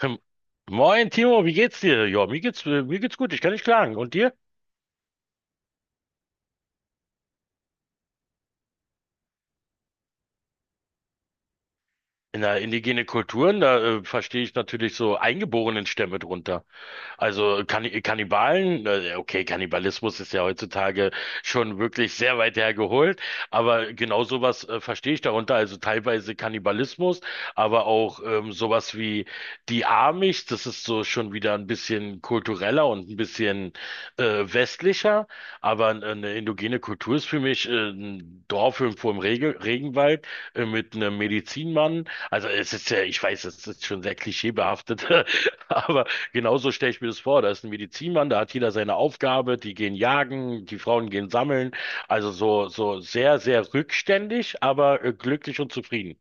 Hm. Moin Timo, wie geht's dir? Ja, mir geht's gut, ich kann nicht klagen. Und dir? Na, indigene Kulturen, da verstehe ich natürlich so eingeborenen Stämme drunter. Also Kannibalen, okay, Kannibalismus ist ja heutzutage schon wirklich sehr weit hergeholt, aber genau sowas verstehe ich darunter. Also teilweise Kannibalismus, aber auch sowas wie die Amish, das ist so schon wieder ein bisschen kultureller und ein bisschen westlicher, aber eine indigene Kultur ist für mich ein Dorf irgendwo im Regenwald mit einem Medizinmann, also es ist ja, ich weiß, es ist schon sehr klischeebehaftet, aber genauso stelle ich mir das vor. Da ist ein Medizinmann, da hat jeder seine Aufgabe, die gehen jagen, die Frauen gehen sammeln. Also so, so sehr, sehr rückständig, aber glücklich und zufrieden.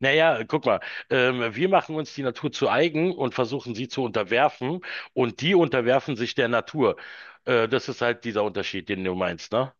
Naja, guck mal, wir machen uns die Natur zu eigen und versuchen sie zu unterwerfen, und die unterwerfen sich der Natur. Das ist halt dieser Unterschied, den du meinst, ne?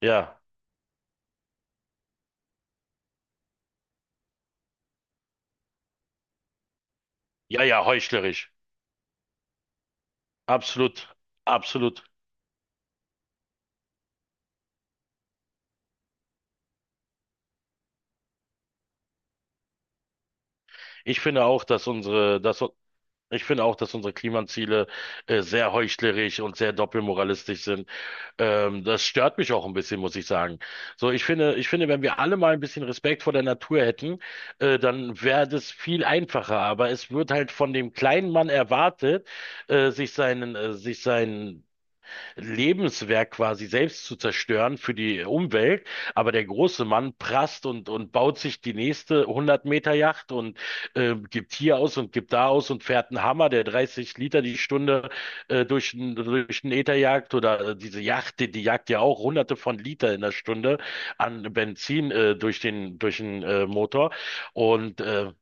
Ja, ja, ja, heuchlerisch. Absolut, absolut. Ich finde auch, dass ich finde auch, dass unsere Klimaziele sehr heuchlerisch und sehr doppelmoralistisch sind. Das stört mich auch ein bisschen, muss ich sagen. So, ich finde, wenn wir alle mal ein bisschen Respekt vor der Natur hätten, dann wäre das viel einfacher. Aber es wird halt von dem kleinen Mann erwartet, sich seinen Lebenswerk quasi selbst zu zerstören für die Umwelt. Aber der große Mann prasst und baut sich die nächste 100 Meter Yacht und gibt hier aus und gibt da aus und fährt einen Hammer, der 30 Liter die Stunde durch den Äther jagt, oder diese Yacht, die, die jagt ja auch hunderte von Liter in der Stunde an Benzin durch den Motor. Und äh,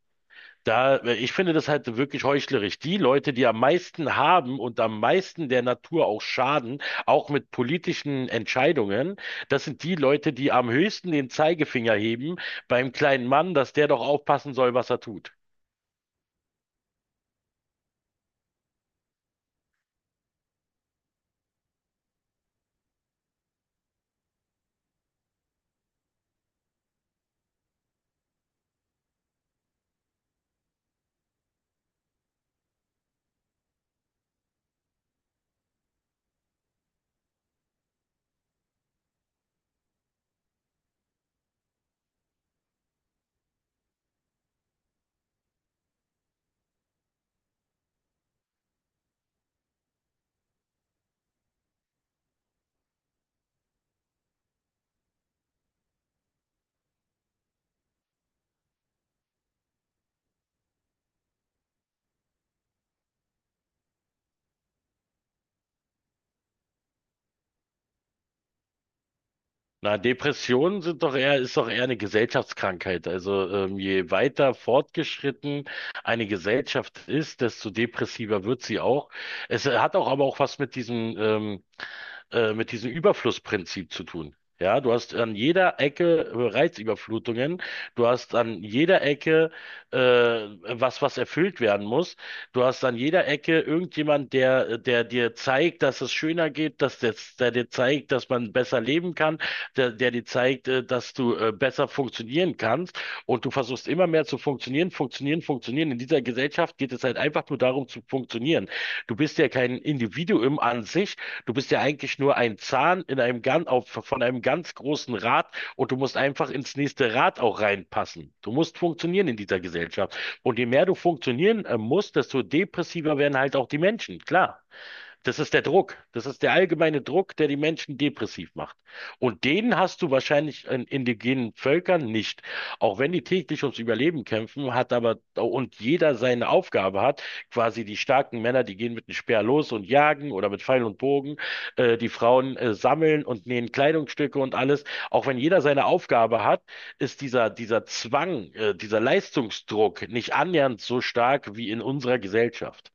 da, äh, ich finde das halt wirklich heuchlerisch. Die Leute, die am meisten haben und am meisten der Natur auch schaden, auch mit politischen Entscheidungen, das sind die Leute, die am höchsten den Zeigefinger heben beim kleinen Mann, dass der doch aufpassen soll, was er tut. Na, Depressionen sind doch eher, ist doch eher eine Gesellschaftskrankheit. Also, je weiter fortgeschritten eine Gesellschaft ist, desto depressiver wird sie auch. Es hat auch aber auch was mit mit diesem Überflussprinzip zu tun. Ja, du hast an jeder Ecke Reizüberflutungen, du hast an jeder Ecke was erfüllt werden muss, du hast an jeder Ecke irgendjemand, der dir zeigt, dass es schöner geht, dass der dir zeigt, dass man besser leben kann, der dir zeigt, dass du besser funktionieren kannst, und du versuchst immer mehr zu funktionieren, funktionieren, funktionieren. In dieser Gesellschaft geht es halt einfach nur darum zu funktionieren. Du bist ja kein Individuum an sich, du bist ja eigentlich nur ein Zahn in einem von einem ganz großen Rad, und du musst einfach ins nächste Rad auch reinpassen. Du musst funktionieren in dieser Gesellschaft. Und je mehr du funktionieren musst, desto depressiver werden halt auch die Menschen, klar. Das ist der Druck. Das ist der allgemeine Druck, der die Menschen depressiv macht. Und den hast du wahrscheinlich in indigenen Völkern nicht. Auch wenn die täglich ums Überleben kämpfen, und jeder seine Aufgabe hat, quasi die starken Männer, die gehen mit einem Speer los und jagen oder mit Pfeil und Bogen, die Frauen sammeln und nähen Kleidungsstücke und alles. Auch wenn jeder seine Aufgabe hat, ist dieser, dieser Zwang, dieser Leistungsdruck nicht annähernd so stark wie in unserer Gesellschaft.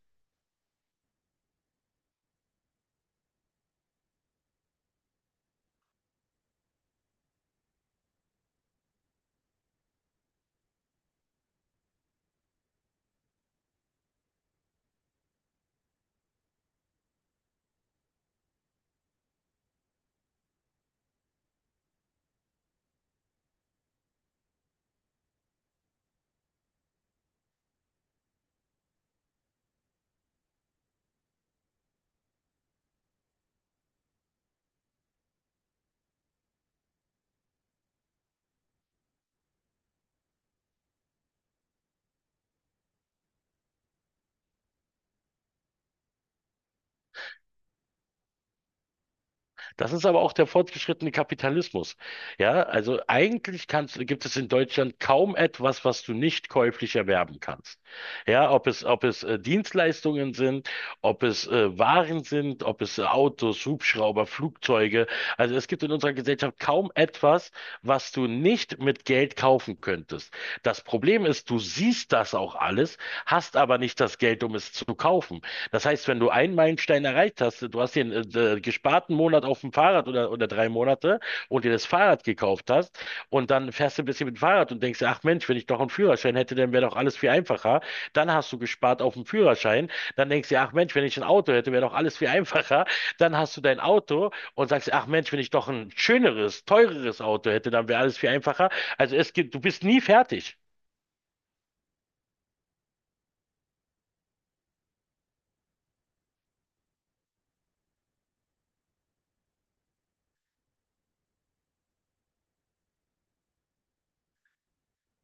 Das ist aber auch der fortgeschrittene Kapitalismus. Ja, also gibt es in Deutschland kaum etwas, was du nicht käuflich erwerben kannst. Ja, ob es Dienstleistungen sind, ob es Waren sind, ob es Autos, Hubschrauber, Flugzeuge. Also es gibt in unserer Gesellschaft kaum etwas, was du nicht mit Geld kaufen könntest. Das Problem ist, du siehst das auch alles, hast aber nicht das Geld, um es zu kaufen. Das heißt, wenn du einen Meilenstein Deadline erreicht hast, du hast den gesparten Monat auf dem Fahrrad oder drei Monate und dir das Fahrrad gekauft hast, und dann fährst du ein bisschen mit dem Fahrrad und denkst dir, ach Mensch, wenn ich doch einen Führerschein hätte, dann wäre doch alles viel einfacher. Dann hast du gespart auf dem Führerschein, dann denkst du dir, ach Mensch, wenn ich ein Auto hätte, wäre doch alles viel einfacher. Dann hast du dein Auto und sagst dir, ach Mensch, wenn ich doch ein schöneres, teureres Auto hätte, dann wäre alles viel einfacher. Also es gibt, du bist nie fertig.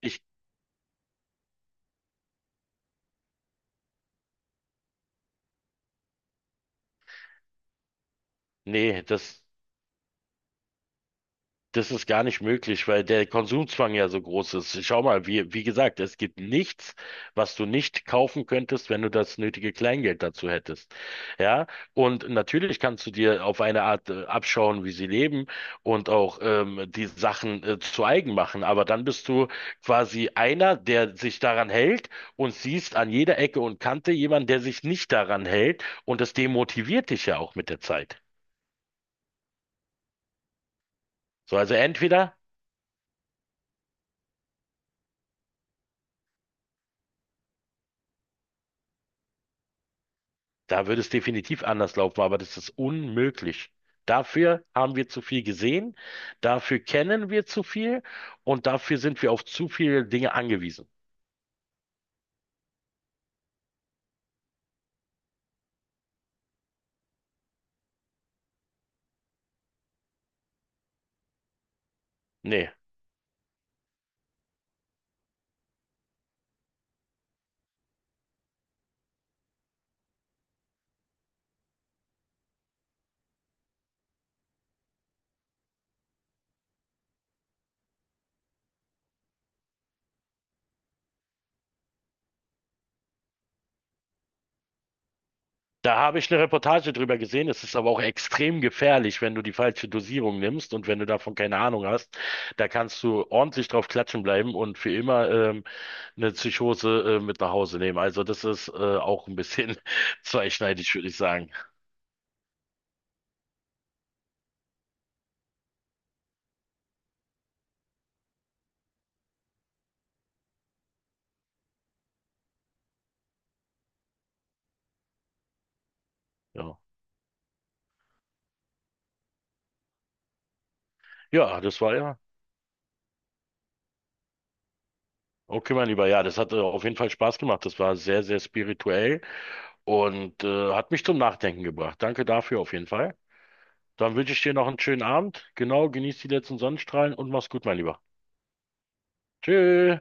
Ich, das, das ist gar nicht möglich, weil der Konsumzwang ja so groß ist. Schau mal, wie gesagt, es gibt nichts, was du nicht kaufen könntest, wenn du das nötige Kleingeld dazu hättest. Ja, und natürlich kannst du dir auf eine Art abschauen, wie sie leben und auch die Sachen zu eigen machen. Aber dann bist du quasi einer, der sich daran hält und siehst an jeder Ecke und Kante jemanden, der sich nicht daran hält, und das demotiviert dich ja auch mit der Zeit. So, also entweder Da würde es definitiv anders laufen, aber das ist unmöglich. Dafür haben wir zu viel gesehen, dafür kennen wir zu viel, und dafür sind wir auf zu viele Dinge angewiesen. Nee, da habe ich eine Reportage drüber gesehen. Es ist aber auch extrem gefährlich, wenn du die falsche Dosierung nimmst und wenn du davon keine Ahnung hast. Da kannst du ordentlich drauf klatschen bleiben und für immer eine Psychose mit nach Hause nehmen. Also das ist auch ein bisschen zweischneidig, würde ich sagen. Ja, ja, das war ja. Okay, mein Lieber, ja, das hat auf jeden Fall Spaß gemacht. Das war sehr, sehr spirituell und hat mich zum Nachdenken gebracht. Danke dafür auf jeden Fall. Dann wünsche ich dir noch einen schönen Abend. Genau, genieß die letzten Sonnenstrahlen und mach's gut, mein Lieber. Tschüss.